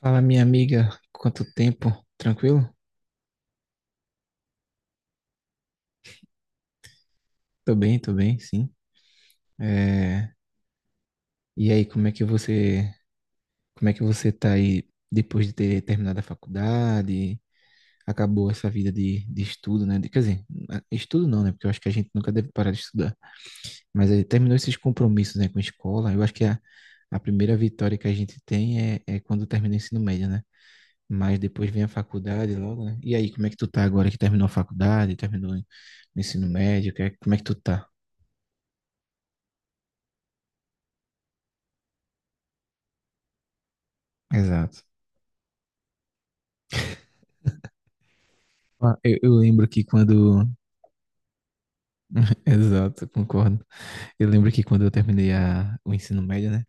Fala, minha amiga, quanto tempo? Tranquilo? Tô bem, sim. É, E aí, como é que você tá aí depois de ter terminado a faculdade? Acabou essa vida de estudo, né? Quer dizer, estudo não, né? Porque eu acho que a gente nunca deve parar de estudar. Mas aí terminou esses compromissos, né, com a escola. Eu acho que a primeira vitória que a gente tem é quando termina o ensino médio, né? Mas depois vem a faculdade logo, né? E aí, como é que tu tá agora que terminou a faculdade, terminou o ensino médio? Como é que tu tá? Exato. Ah, eu lembro que quando. Exato, concordo. Eu lembro que quando eu terminei a, o ensino médio, né?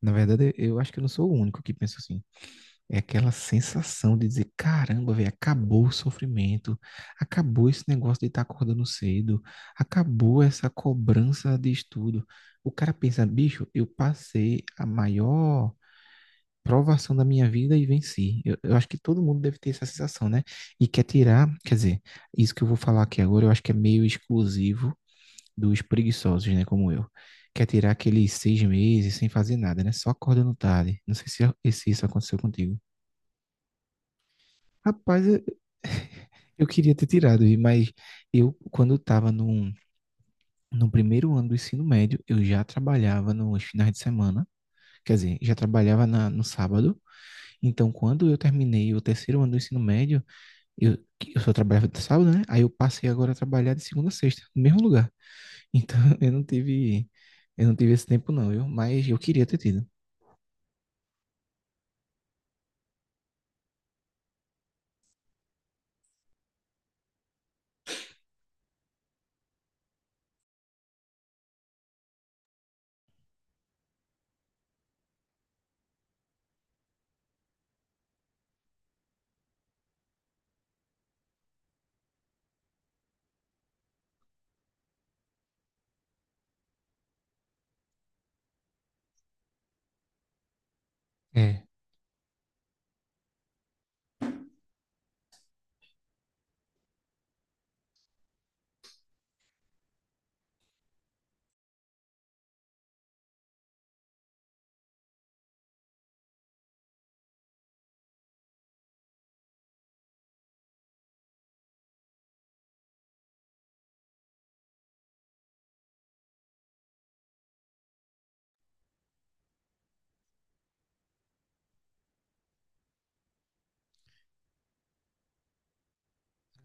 Na verdade, eu acho que eu não sou o único que pensa assim. É aquela sensação de dizer: caramba, velho, acabou o sofrimento, acabou esse negócio de estar acordando cedo, acabou essa cobrança de estudo. O cara pensa: bicho, eu passei a maior provação da minha vida e venci. Eu acho que todo mundo deve ter essa sensação, né? E quer tirar, quer dizer, isso que eu vou falar aqui agora, eu acho que é meio exclusivo dos preguiçosos, né, como eu. Quer tirar aqueles 6 meses sem fazer nada, né? Só acordando tarde. Não sei se isso aconteceu contigo. Rapaz, eu, eu queria ter tirado, mas eu, quando estava no primeiro ano do ensino médio, eu já trabalhava nos finais de semana, quer dizer, já trabalhava na, no sábado. Então, quando eu terminei o terceiro ano do ensino médio, Eu, eu só trabalhava de sábado, né? Aí eu passei agora a trabalhar de segunda a sexta, no mesmo lugar. Então eu não tive esse tempo não. Eu Mas eu queria ter tido. É.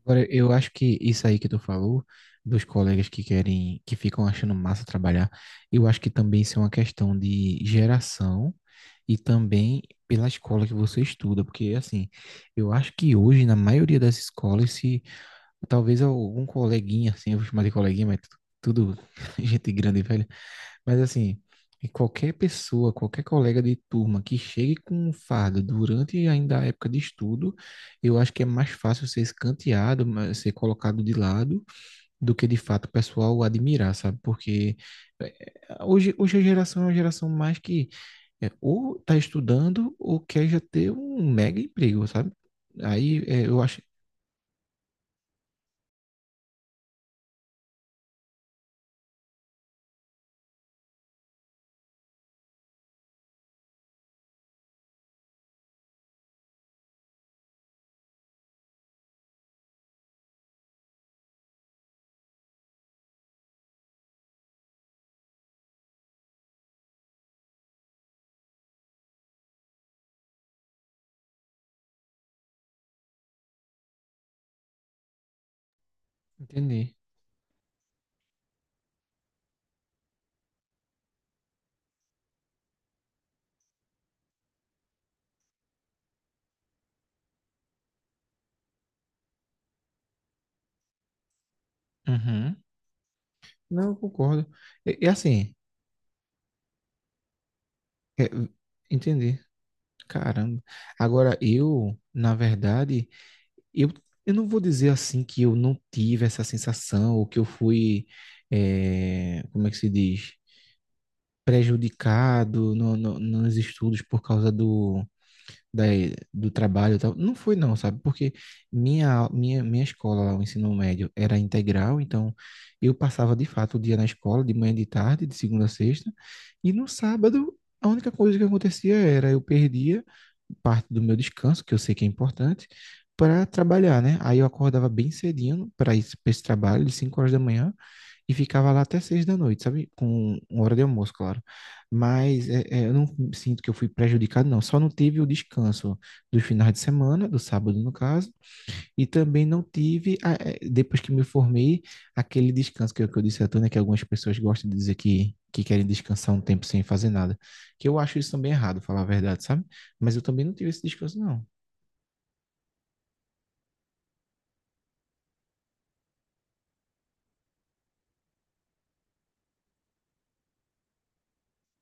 Agora eu acho que isso aí que tu falou dos colegas que querem, que ficam achando massa trabalhar, eu acho que também isso é uma questão de geração e também pela escola que você estuda, porque assim, eu acho que hoje na maioria das escolas se talvez algum coleguinha assim, eu vou chamar de coleguinha, mas tudo gente grande e velha. Mas assim, e qualquer pessoa, qualquer colega de turma que chegue com um fardo durante ainda a época de estudo, eu acho que é mais fácil ser escanteado, ser colocado de lado, do que de fato o pessoal admirar, sabe? Porque hoje a geração é uma geração mais que ou está estudando ou quer já ter um mega emprego, sabe? Aí eu acho. Entendi. Uhum. Não, eu concordo. É, assim, é, entendi. Caramba. Agora, na verdade, eu, eu não vou dizer assim que eu não tive essa sensação, ou que eu fui, como é que se diz? Prejudicado nos estudos por causa do, da, do trabalho e tal. Não foi não, sabe? Porque minha escola, lá, o ensino médio, era integral, então eu passava de fato o dia na escola, de manhã e de tarde, de segunda a sexta, e no sábado, a única coisa que acontecia era eu perdia parte do meu descanso, que eu sei que é importante, para trabalhar, né? Aí eu acordava bem cedinho para esse trabalho, de 5 horas da manhã, e ficava lá até 6 da noite, sabe? Com uma hora de almoço, claro. Mas eu não sinto que eu fui prejudicado, não. Só não teve o descanso dos finais de semana, do sábado, no caso, e também não tive, depois que me formei, aquele descanso que eu disse a tu, né, que algumas pessoas gostam de dizer que querem descansar um tempo sem fazer nada. Que eu acho isso também errado, falar a verdade, sabe? Mas eu também não tive esse descanso, não.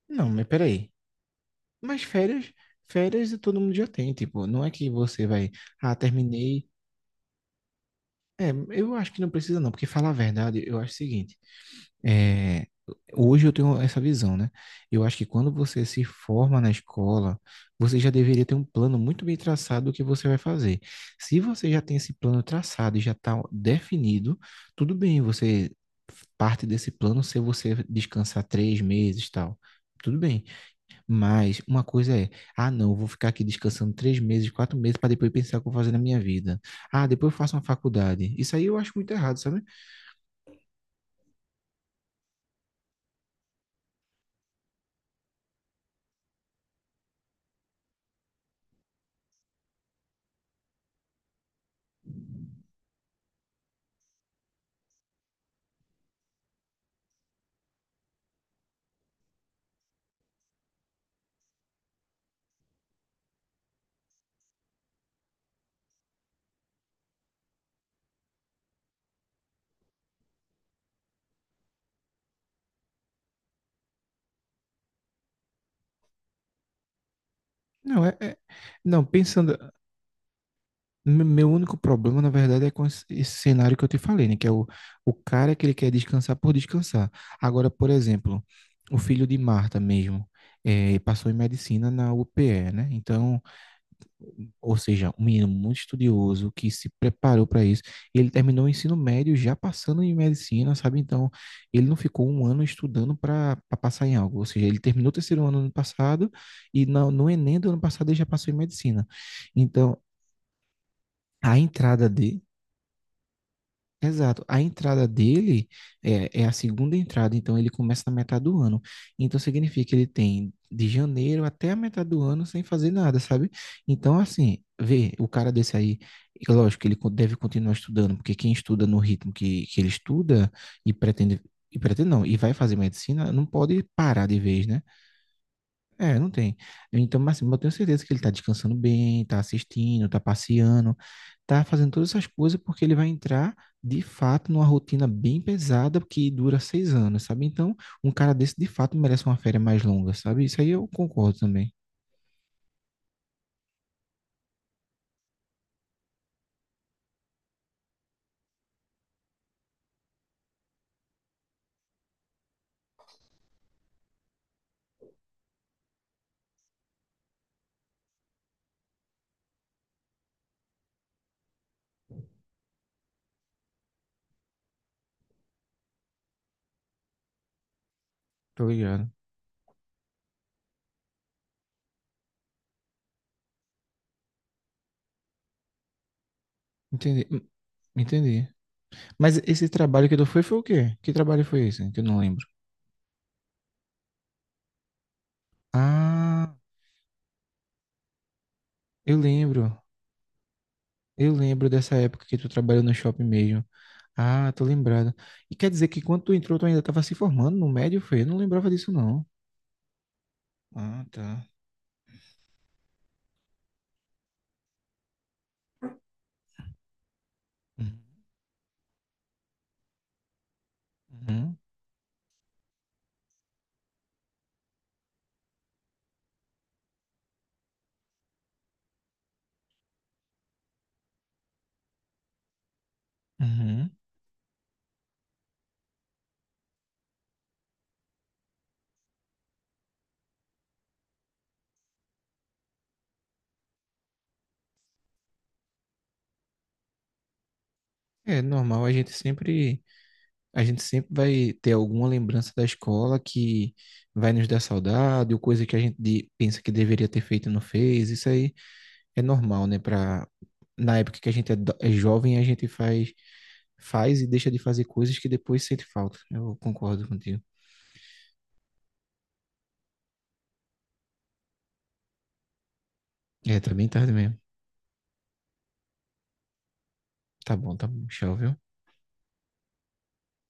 Não, mas peraí. Mas férias todo mundo já tem, tipo, não é que você vai, ah, terminei. É, eu acho que não precisa não, porque falar a verdade, eu acho o seguinte. É, Hoje eu tenho essa visão, né? Eu acho que quando você se forma na escola, você já deveria ter um plano muito bem traçado do que você vai fazer. Se você já tem esse plano traçado e já está definido, tudo bem, você parte desse plano se você descansar 3 meses, e tal. Tudo bem, mas uma coisa é, ah, não, eu vou ficar aqui descansando 3 meses, 4 meses para depois pensar o que eu vou fazer na minha vida. Ah, depois eu faço uma faculdade. Isso aí eu acho muito errado, sabe? Não, não, pensando, meu único problema, na verdade, é com esse cenário que eu te falei, né? Que é o cara que ele quer descansar por descansar. Agora, por exemplo, o filho de Marta mesmo, passou em medicina na UPE, né? Então, ou seja, um menino muito estudioso que se preparou para isso. Ele terminou o ensino médio já passando em medicina, sabe? Então, ele não ficou um ano estudando para passar em algo. Ou seja, ele terminou o terceiro ano no ano passado e no Enem do ano passado ele já passou em medicina. Então, a entrada de Exato. A entrada dele é a segunda entrada, então ele começa na metade do ano. Então significa que ele tem de janeiro até a metade do ano sem fazer nada, sabe? Então, assim, vê, o cara desse aí, é lógico que ele deve continuar estudando, porque quem estuda no ritmo que ele estuda e pretende, e pretende não, e vai fazer medicina, não pode parar de vez, né? É, não tem. Então, mas assim, eu tenho certeza que ele tá descansando bem, tá assistindo, tá passeando, tá fazendo todas essas coisas porque ele vai entrar, de fato, numa rotina bem pesada que dura 6 anos, sabe? Então, um cara desse, de fato, merece uma férias mais longa, sabe? Isso aí eu concordo também. Tô ligado. Entendi. Entendi. Mas esse trabalho que tu foi o quê? Que trabalho foi esse? Que eu não lembro. Ah, eu lembro. Eu lembro dessa época que tu trabalhou no shopping mesmo. Ah, tô lembrado. E quer dizer que quando tu entrou, tu ainda tava se formando no médio, foi? Eu não lembrava disso, não. Ah, tá. Uhum. Uhum. Uhum. É normal, a gente sempre vai ter alguma lembrança da escola que vai nos dar saudade, ou coisa que a gente pensa que deveria ter feito e não fez. Isso aí é normal, né? Na época que a gente é jovem, a gente faz e deixa de fazer coisas que depois sente falta. Eu concordo contigo. É, tá bem tarde mesmo. Tá bom, tá bom. Tchau, viu?